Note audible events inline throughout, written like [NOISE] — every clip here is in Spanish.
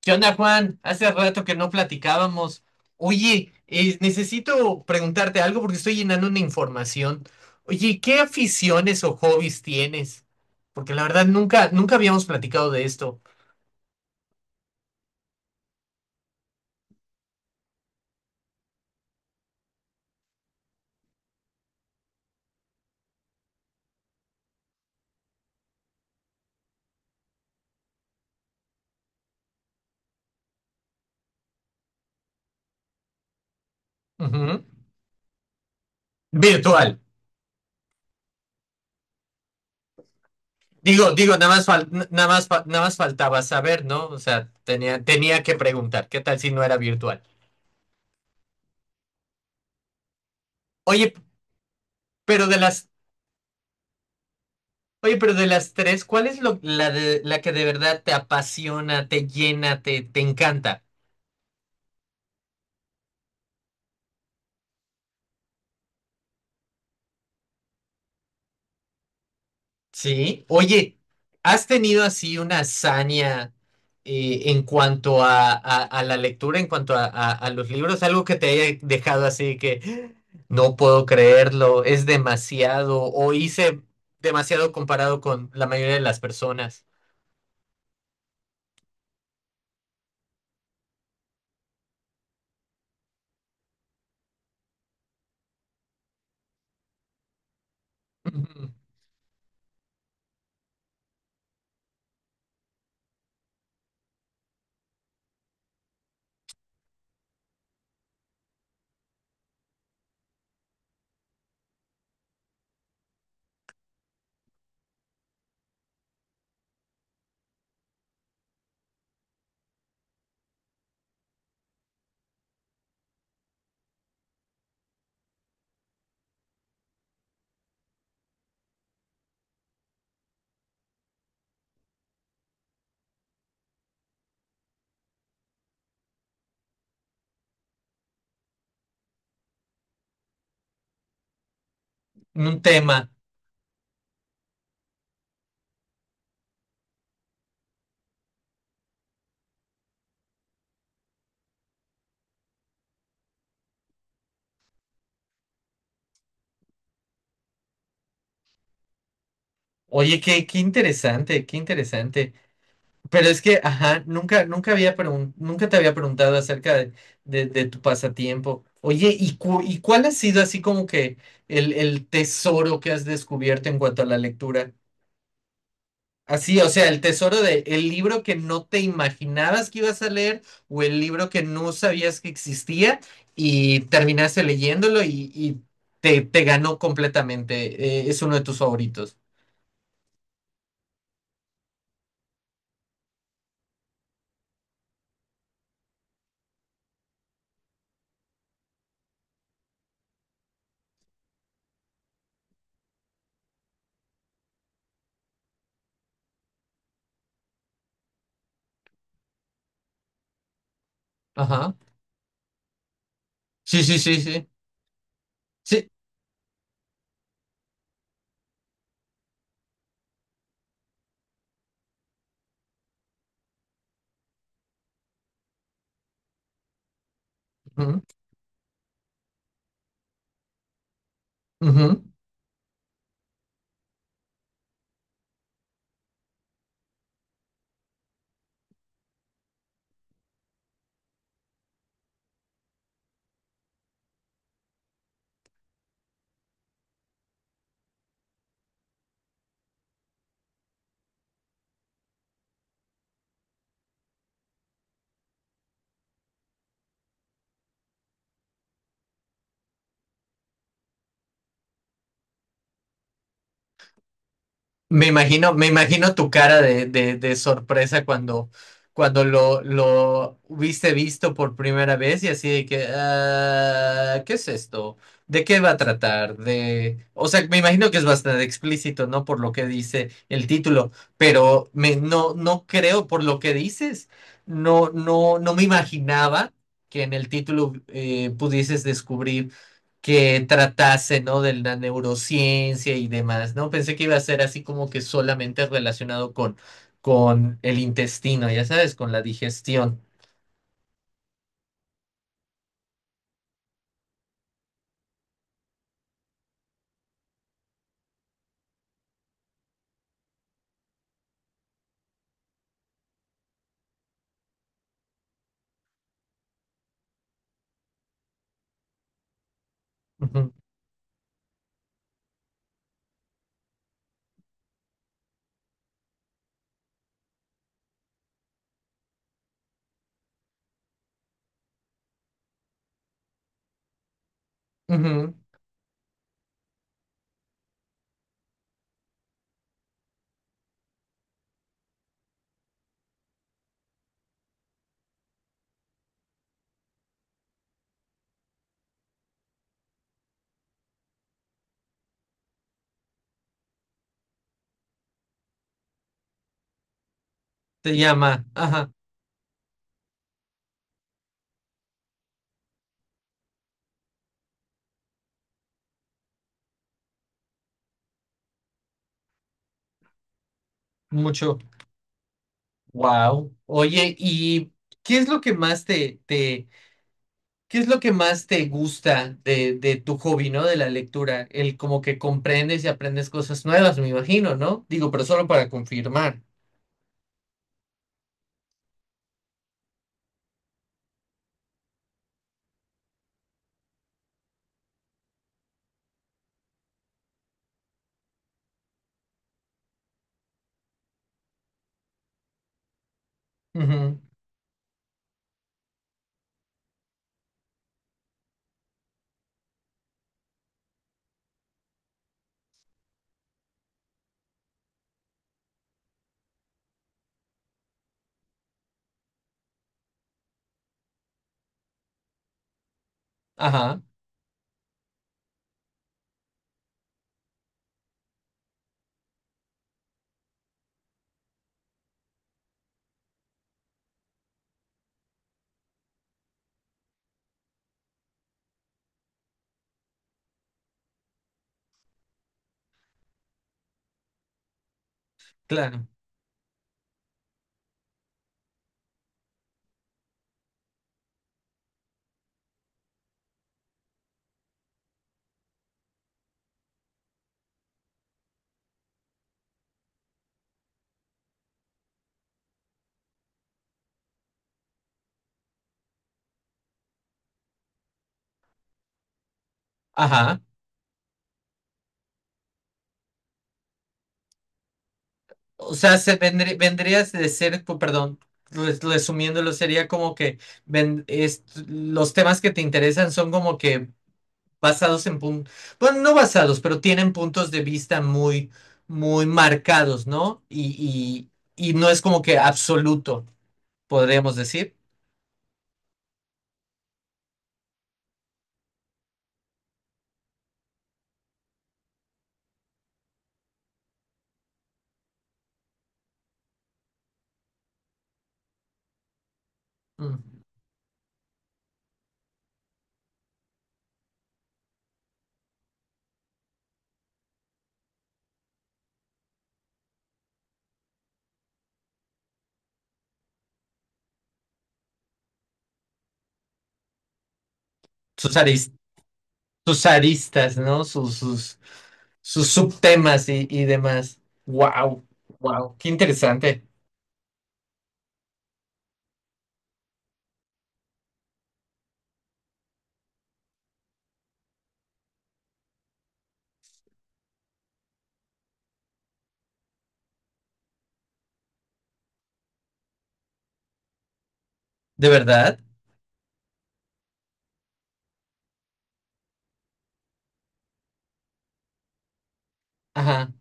¿Qué onda, Juan? Hace rato que no platicábamos. Oye, necesito preguntarte algo porque estoy llenando una información. Oye, ¿qué aficiones o hobbies tienes? Porque la verdad nunca habíamos platicado de esto. Ujú. Virtual. Nada más nada más faltaba saber, ¿no? O sea, tenía que preguntar. ¿Qué tal si no era virtual? Oye, pero de las Oye, pero de las tres, ¿cuál es la que de verdad te apasiona, te llena, te encanta? ¿Sí? Oye, ¿has tenido así una hazaña en cuanto a, a la lectura, en cuanto a, a los libros? Algo que te haya dejado así que no puedo creerlo, es demasiado, o hice demasiado comparado con la mayoría de las personas. [LAUGHS] Ujú. Un tema. Oye, qué interesante, qué interesante. Pero es que, ajá, nunca te había preguntado acerca de, de tu pasatiempo. Oye, ¿y, cuál ha sido así como que el tesoro que has descubierto en cuanto a la lectura? Así, o sea, el tesoro de el libro que no te imaginabas que ibas a leer o el libro que no sabías que existía y terminaste leyéndolo y, te, te ganó completamente. Es uno de tus favoritos. Ajá. Sí, sí, sí, sí. Sí. Ujú, ujú. Me imagino tu cara de, de sorpresa cuando, cuando lo hubiste visto por primera vez y así de que, "Ah, ¿qué es esto? ¿De qué va a tratar? De... O sea, me imagino que es bastante explícito, ¿no? Por lo que dice el título, pero me, no, no creo por lo que dices. No me imaginaba que en el título pudieses descubrir que tratase, ¿no? De la neurociencia y demás, ¿no? Pensé que iba a ser así como que solamente relacionado con el intestino, ya sabes, con la digestión. Ujú, ujú, Te llama, ajá, mucho. Wow. Oye, ¿y qué es lo que más qué es lo que más te gusta de tu hobby, ¿no? De la lectura, el como que comprendes y aprendes cosas nuevas, me imagino, ¿no? Digo, pero solo para confirmar. Ujú, ajá, claro. Ajá. O sea, se vendrías de ser, perdón, resumiéndolo, sería como que ven- es- los temas que te interesan son como que basados en puntos, bueno, no basados, pero tienen puntos de vista muy marcados, ¿no? Y no es como que absoluto, podríamos decir. Mm. Sus aris- sus aristas, ¿no? Sus subtemas y demás. Wow, wow, qué interesante. ¿De verdad? Ajá,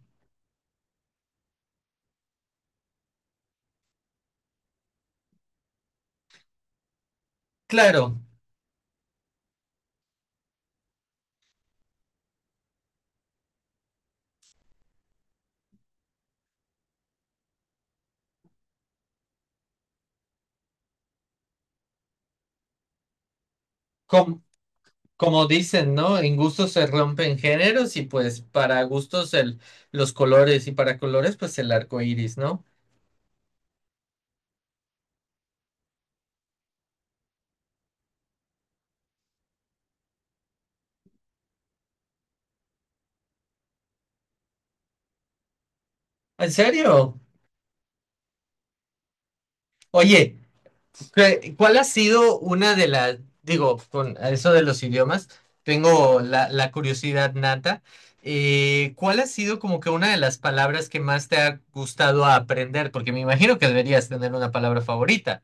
claro. Com- como dicen, ¿no? En gustos se rompen géneros y pues para gustos el, los colores y para colores pues el arco iris, ¿no? ¿En serio? Oye, ¿cuál ha sido una de las, digo, con eso de los idiomas, tengo la curiosidad nata, ¿cuál ha sido como que una de las palabras que más te ha gustado aprender? Porque me imagino que deberías tener una palabra favorita.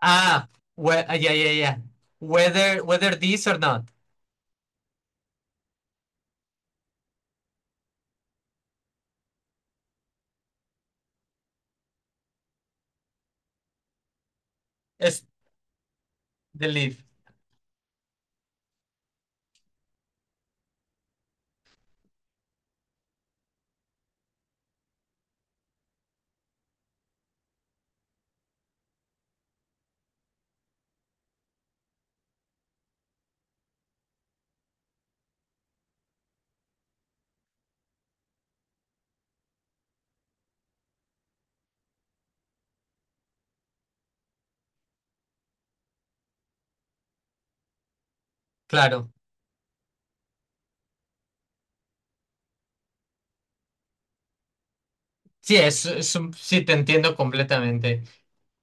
Ah, ah, ya, ya, ya. Whether, whether this or not. Es the leaf, claro. Sí, es sí, te entiendo completamente.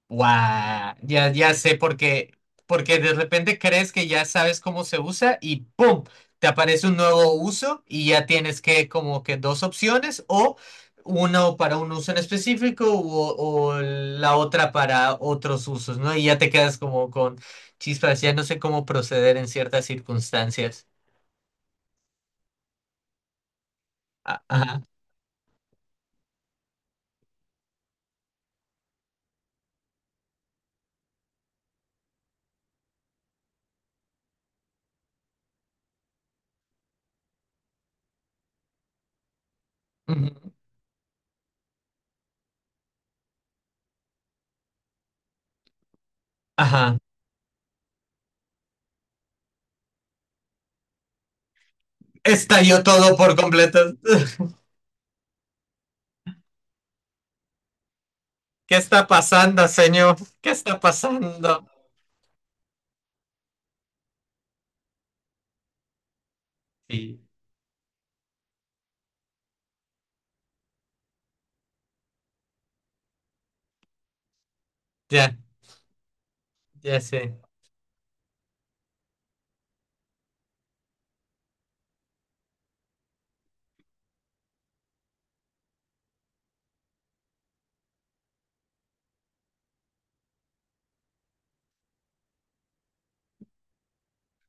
Guau, ya sé por qué. Porque de repente crees que ya sabes cómo se usa y ¡pum! Te aparece un nuevo uso y ya tienes que como que dos opciones o uno para un uso en específico o la otra para otros usos, ¿no? Y ya te quedas como con chispas, ya no sé cómo proceder en ciertas circunstancias. A- ajá. Ujú, ajá. ¡Estalló todo por completo! [LAUGHS] ¿Qué está pasando, señor? ¿Qué está pasando? Sí, ya, ya sé.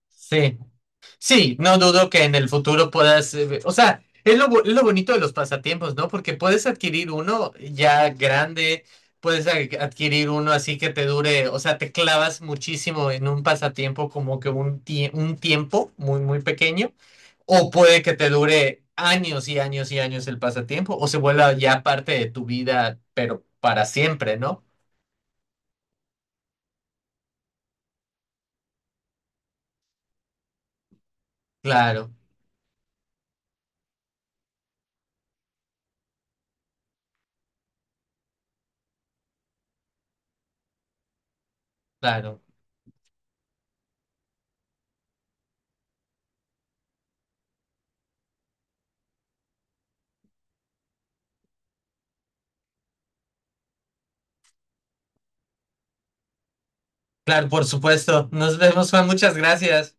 Sí. Sí, no dudo que en el futuro puedas, o sea, es lo bonito de los pasatiempos, ¿no? Porque puedes adquirir uno ya grande, puedes adquirir uno así que te dure, o sea, te clavas muchísimo en un pasatiempo como que un, un tiempo muy pequeño, o puede que te dure años y años y años el pasatiempo, o se vuelva ya parte de tu vida, pero para siempre, ¿no? Claro, claro, claro, por supuesto. Nos vemos, Juan, muchas gracias.